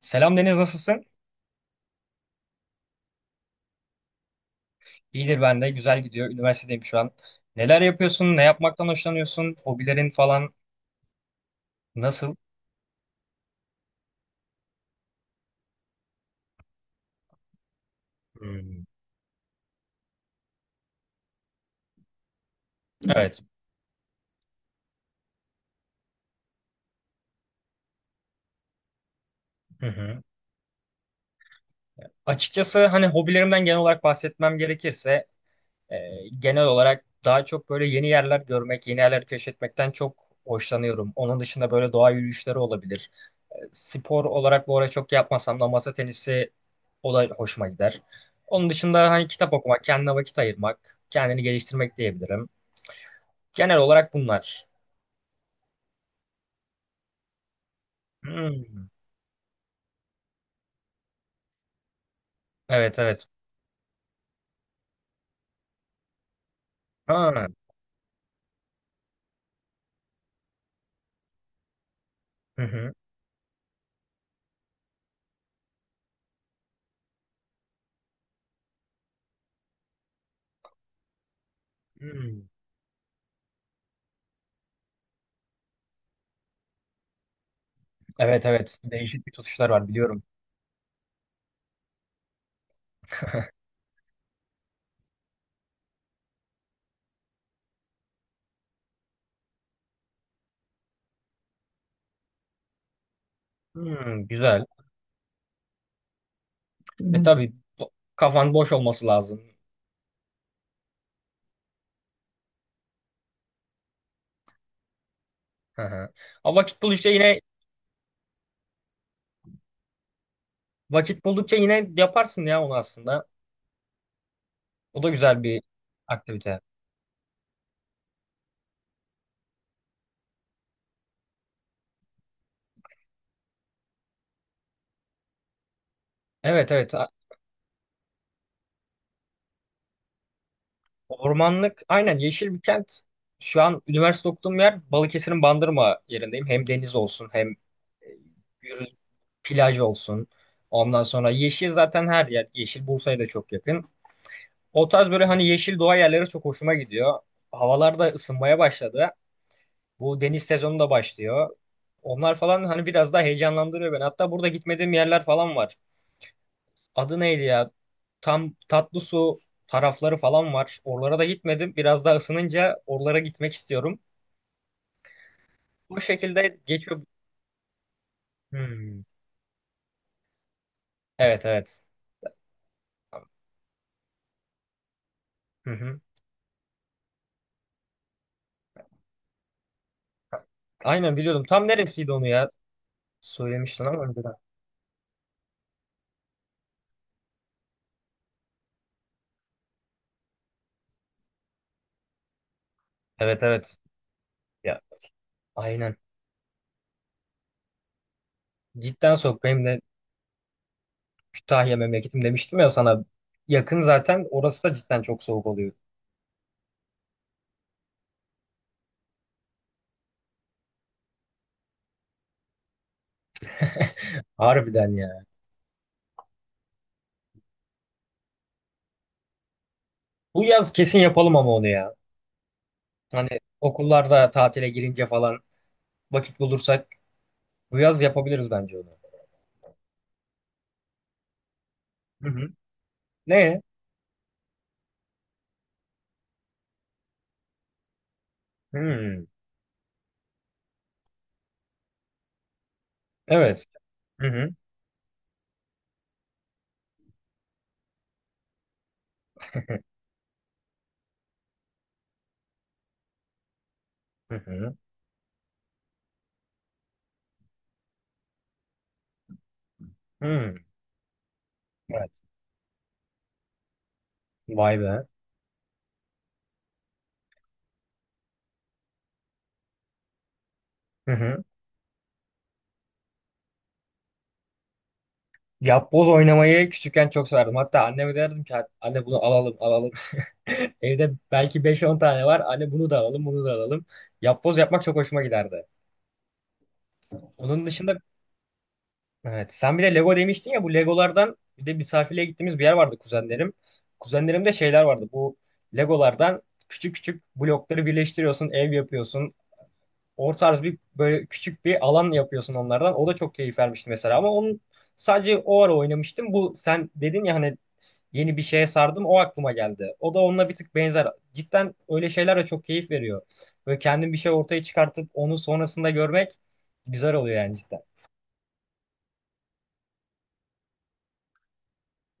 Selam Deniz nasılsın? İyidir ben de güzel gidiyor. Üniversitedeyim şu an. Neler yapıyorsun? Ne yapmaktan hoşlanıyorsun? Hobilerin falan nasıl? Hmm. Evet. Hı hı. Açıkçası hani hobilerimden genel olarak bahsetmem gerekirse e, genel olarak daha çok böyle yeni yerler görmek, yeni yerler keşfetmekten çok hoşlanıyorum. Onun dışında böyle doğa yürüyüşleri olabilir. Spor olarak bu ara çok yapmasam da masa tenisi o da hoşuma gider. Onun dışında hani kitap okumak, kendine vakit ayırmak, kendini geliştirmek diyebilirim. Genel olarak bunlar. Hmm. Evet evet. Ha. Hı hı. Hmm. Evet evet. Değişik bir tutuşlar var biliyorum. Hmm, güzel. Hmm. Tabii, bo- kafan boş olması lazım. Hı hı. Ama vakit buldukça yine yaparsın ya onu aslında. O da güzel bir aktivite. Evet evet. Ormanlık aynen yeşil bir kent. Şu an üniversite okuduğum yer Balıkesir'in Bandırma yerindeyim. Hem deniz olsun hem yürü- plaj olsun. Ondan sonra yeşil zaten her yer. Yeşil Bursa'ya da çok yakın. O tarz böyle hani yeşil doğa yerleri çok hoşuma gidiyor. Havalar da ısınmaya başladı. Bu deniz sezonu da başlıyor. Onlar falan hani biraz daha heyecanlandırıyor beni. Hatta burada gitmediğim yerler falan var. Adı neydi ya? Tam tatlı su tarafları falan var. Oralara da gitmedim. Biraz daha ısınınca oralara gitmek istiyorum. Bu şekilde geçiyor. Hmm. Evet evet. Hı hı. Aynen biliyordum. Tam neresiydi onu ya? Söylemiştin ama önceden. Evet evet. Ya aynen. Cidden soğuk. Benim de Kütahya memleketim demiştim ya sana. Yakın zaten. Orası da cidden çok soğuk oluyor. Harbiden ya. Bu yaz kesin yapalım ama onu ya. Hani okullarda tatile girince falan vakit bulursak bu yaz yapabiliriz bence onu. Hı hı. Ne? Hmm. Evet. Hı hı. Hı hı. Hmm. Evet. Vay be. Hı hı. Yapboz oynamayı küçükken çok severdim. Hatta anneme derdim ki anne bunu alalım alalım. Evde belki beş on tane var. Anne bunu da alalım bunu da alalım. Yapboz yapmak çok hoşuma giderdi. Onun dışında evet sen bir de Lego demiştin ya bu Legolardan bir de misafirliğe gittiğimiz bir yer vardı kuzenlerim. Kuzenlerimde şeyler vardı. Bu Legolardan küçük küçük blokları birleştiriyorsun, ev yapıyorsun. O tarz bir böyle küçük bir alan yapıyorsun onlardan. O da çok keyif vermişti mesela ama onun sadece o ara oynamıştım. Bu sen dedin ya hani yeni bir şeye sardım o aklıma geldi. O da onunla bir tık benzer. Cidden öyle şeyler de çok keyif veriyor. Böyle kendin bir şey ortaya çıkartıp onu sonrasında görmek güzel oluyor yani cidden.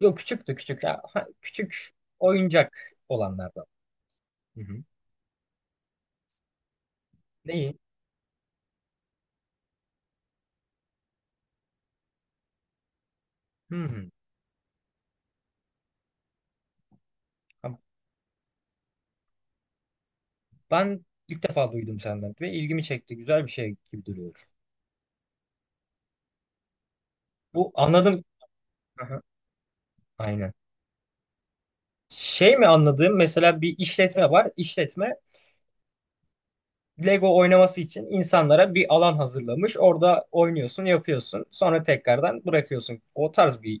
Yok küçüktü küçük ya. Ha, küçük oyuncak olanlardan. Hı hı. Neyi? Hı hı. Ha, ben ilk defa duydum senden ve ilgimi çekti. Güzel bir şey gibi duruyor. Bu anladım. Aha. Aynen. Şey mi anladığım mesela bir işletme var. İşletme Lego oynaması için insanlara bir alan hazırlamış. Orada oynuyorsun, yapıyorsun. Sonra tekrardan bırakıyorsun. O tarz bir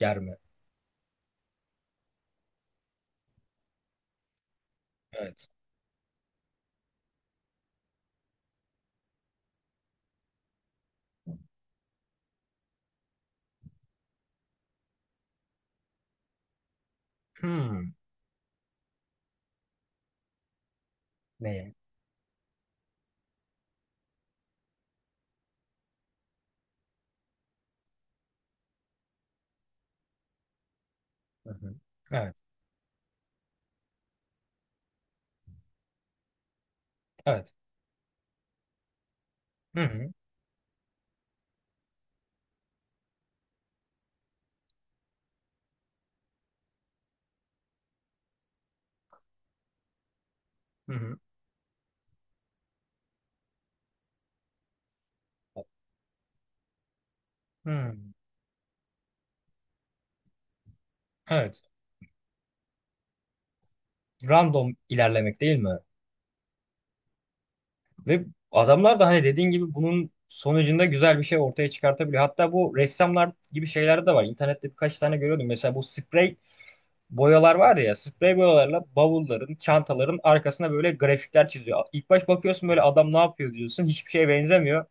yer mi? Evet. Hmm. Ne? Hı hı. Evet. Evet. Hı hı. Hı hı. Hmm. Evet. Random ilerlemek değil mi? Ve adamlar da hani dediğin gibi bunun sonucunda güzel bir şey ortaya çıkartabiliyor. Hatta bu ressamlar gibi şeyler de var. İnternette birkaç tane görüyordum. Mesela bu sprey boyalar var ya sprey boyalarla bavulların, çantaların arkasına böyle grafikler çiziyor. İlk baş bakıyorsun böyle adam ne yapıyor diyorsun. Hiçbir şeye benzemiyor.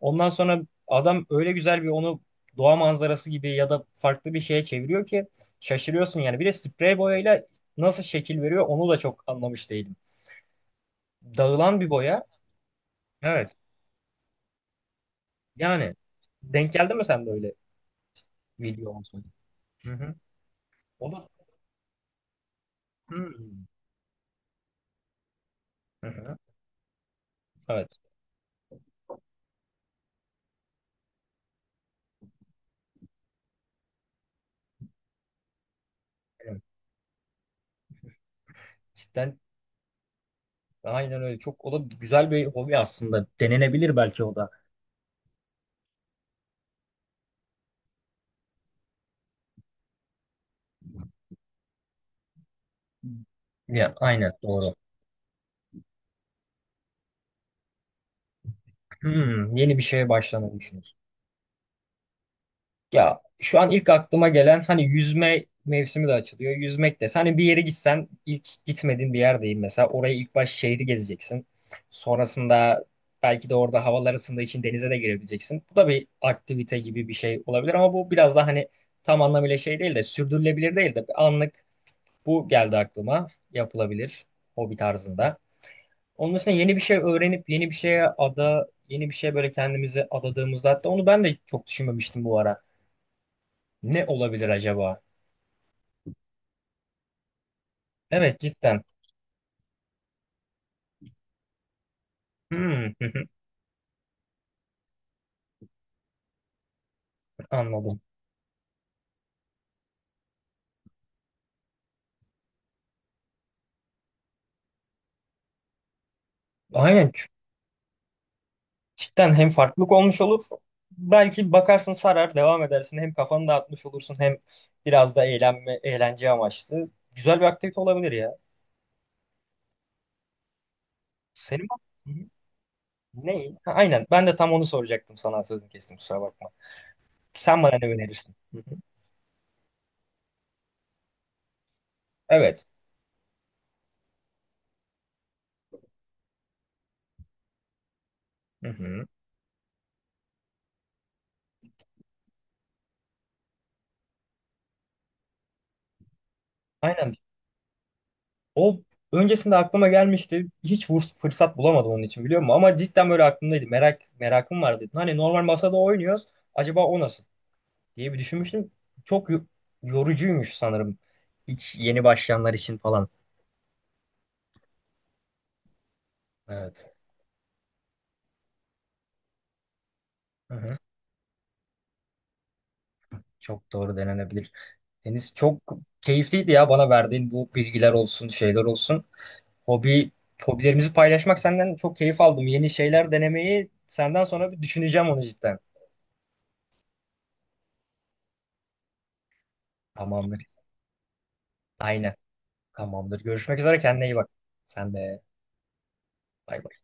Ondan sonra adam öyle güzel bir onu doğa manzarası gibi ya da farklı bir şeye çeviriyor ki şaşırıyorsun yani. Bir de sprey boyayla nasıl şekil veriyor onu da çok anlamış değilim. Dağılan bir boya. Evet. Yani denk geldi mi sen de öyle video olsun? Hı hı. O da- Hmm. Hı hı. Hı. Evet. Evet. Cidden aynen öyle. Çok o da güzel bir hobi aslında. Denenebilir belki o da. Ya, aynen doğru. Hmm, yeni bir şeye başlamayı düşünüyorsun. Ya şu an ilk aklıma gelen hani yüzme mevsimi de açılıyor. Yüzmek de. Hani bir yere gitsen ilk gitmediğin bir yerdeyim mesela. Orayı ilk baş şehri gezeceksin. Sonrasında belki de orada havalar ısındığı için denize de girebileceksin. Bu da bir aktivite gibi bir şey olabilir ama bu biraz daha hani tam anlamıyla şey değil de sürdürülebilir değil de bir anlık bu geldi aklıma. Yapılabilir. Hobi tarzında. Onun dışında yeni bir şey öğrenip yeni bir şeye ada, yeni bir şeye böyle kendimizi adadığımızda hatta onu ben de çok düşünmemiştim bu ara. Ne olabilir acaba? Evet cidden. Hmm, anladım. Aynen. Cidden hem farklılık olmuş olur. Belki bakarsın sarar, devam edersin. Hem kafanı dağıtmış olursun hem biraz da eğlenme, eğlence amaçlı. Güzel bir aktivite olabilir ya. Senin Hı ne? Ha, aynen. Ben de tam onu soracaktım sana sözünü kestim kusura bakma. Sen bana ne önerirsin? Hı hı. Evet. Hı hı. Aynen. O öncesinde aklıma gelmişti. Hiç fırsat bulamadım onun için biliyor musun? Ama cidden böyle aklımdaydı. Merakım vardı. Hani normal masada oynuyoruz. Acaba o nasıl diye bir düşünmüştüm. Çok yorucuymuş sanırım. Hiç yeni başlayanlar için falan. Evet. Hı hı. Çok doğru denenebilir. Deniz çok keyifliydi ya bana verdiğin bu bilgiler olsun, şeyler olsun. Hobi, hobilerimizi paylaşmak senden çok keyif aldım. Yeni şeyler denemeyi senden sonra bir düşüneceğim onu cidden. Tamamdır. Aynen. Tamamdır. Görüşmek üzere. Kendine iyi bak. Sen de. Bay bay.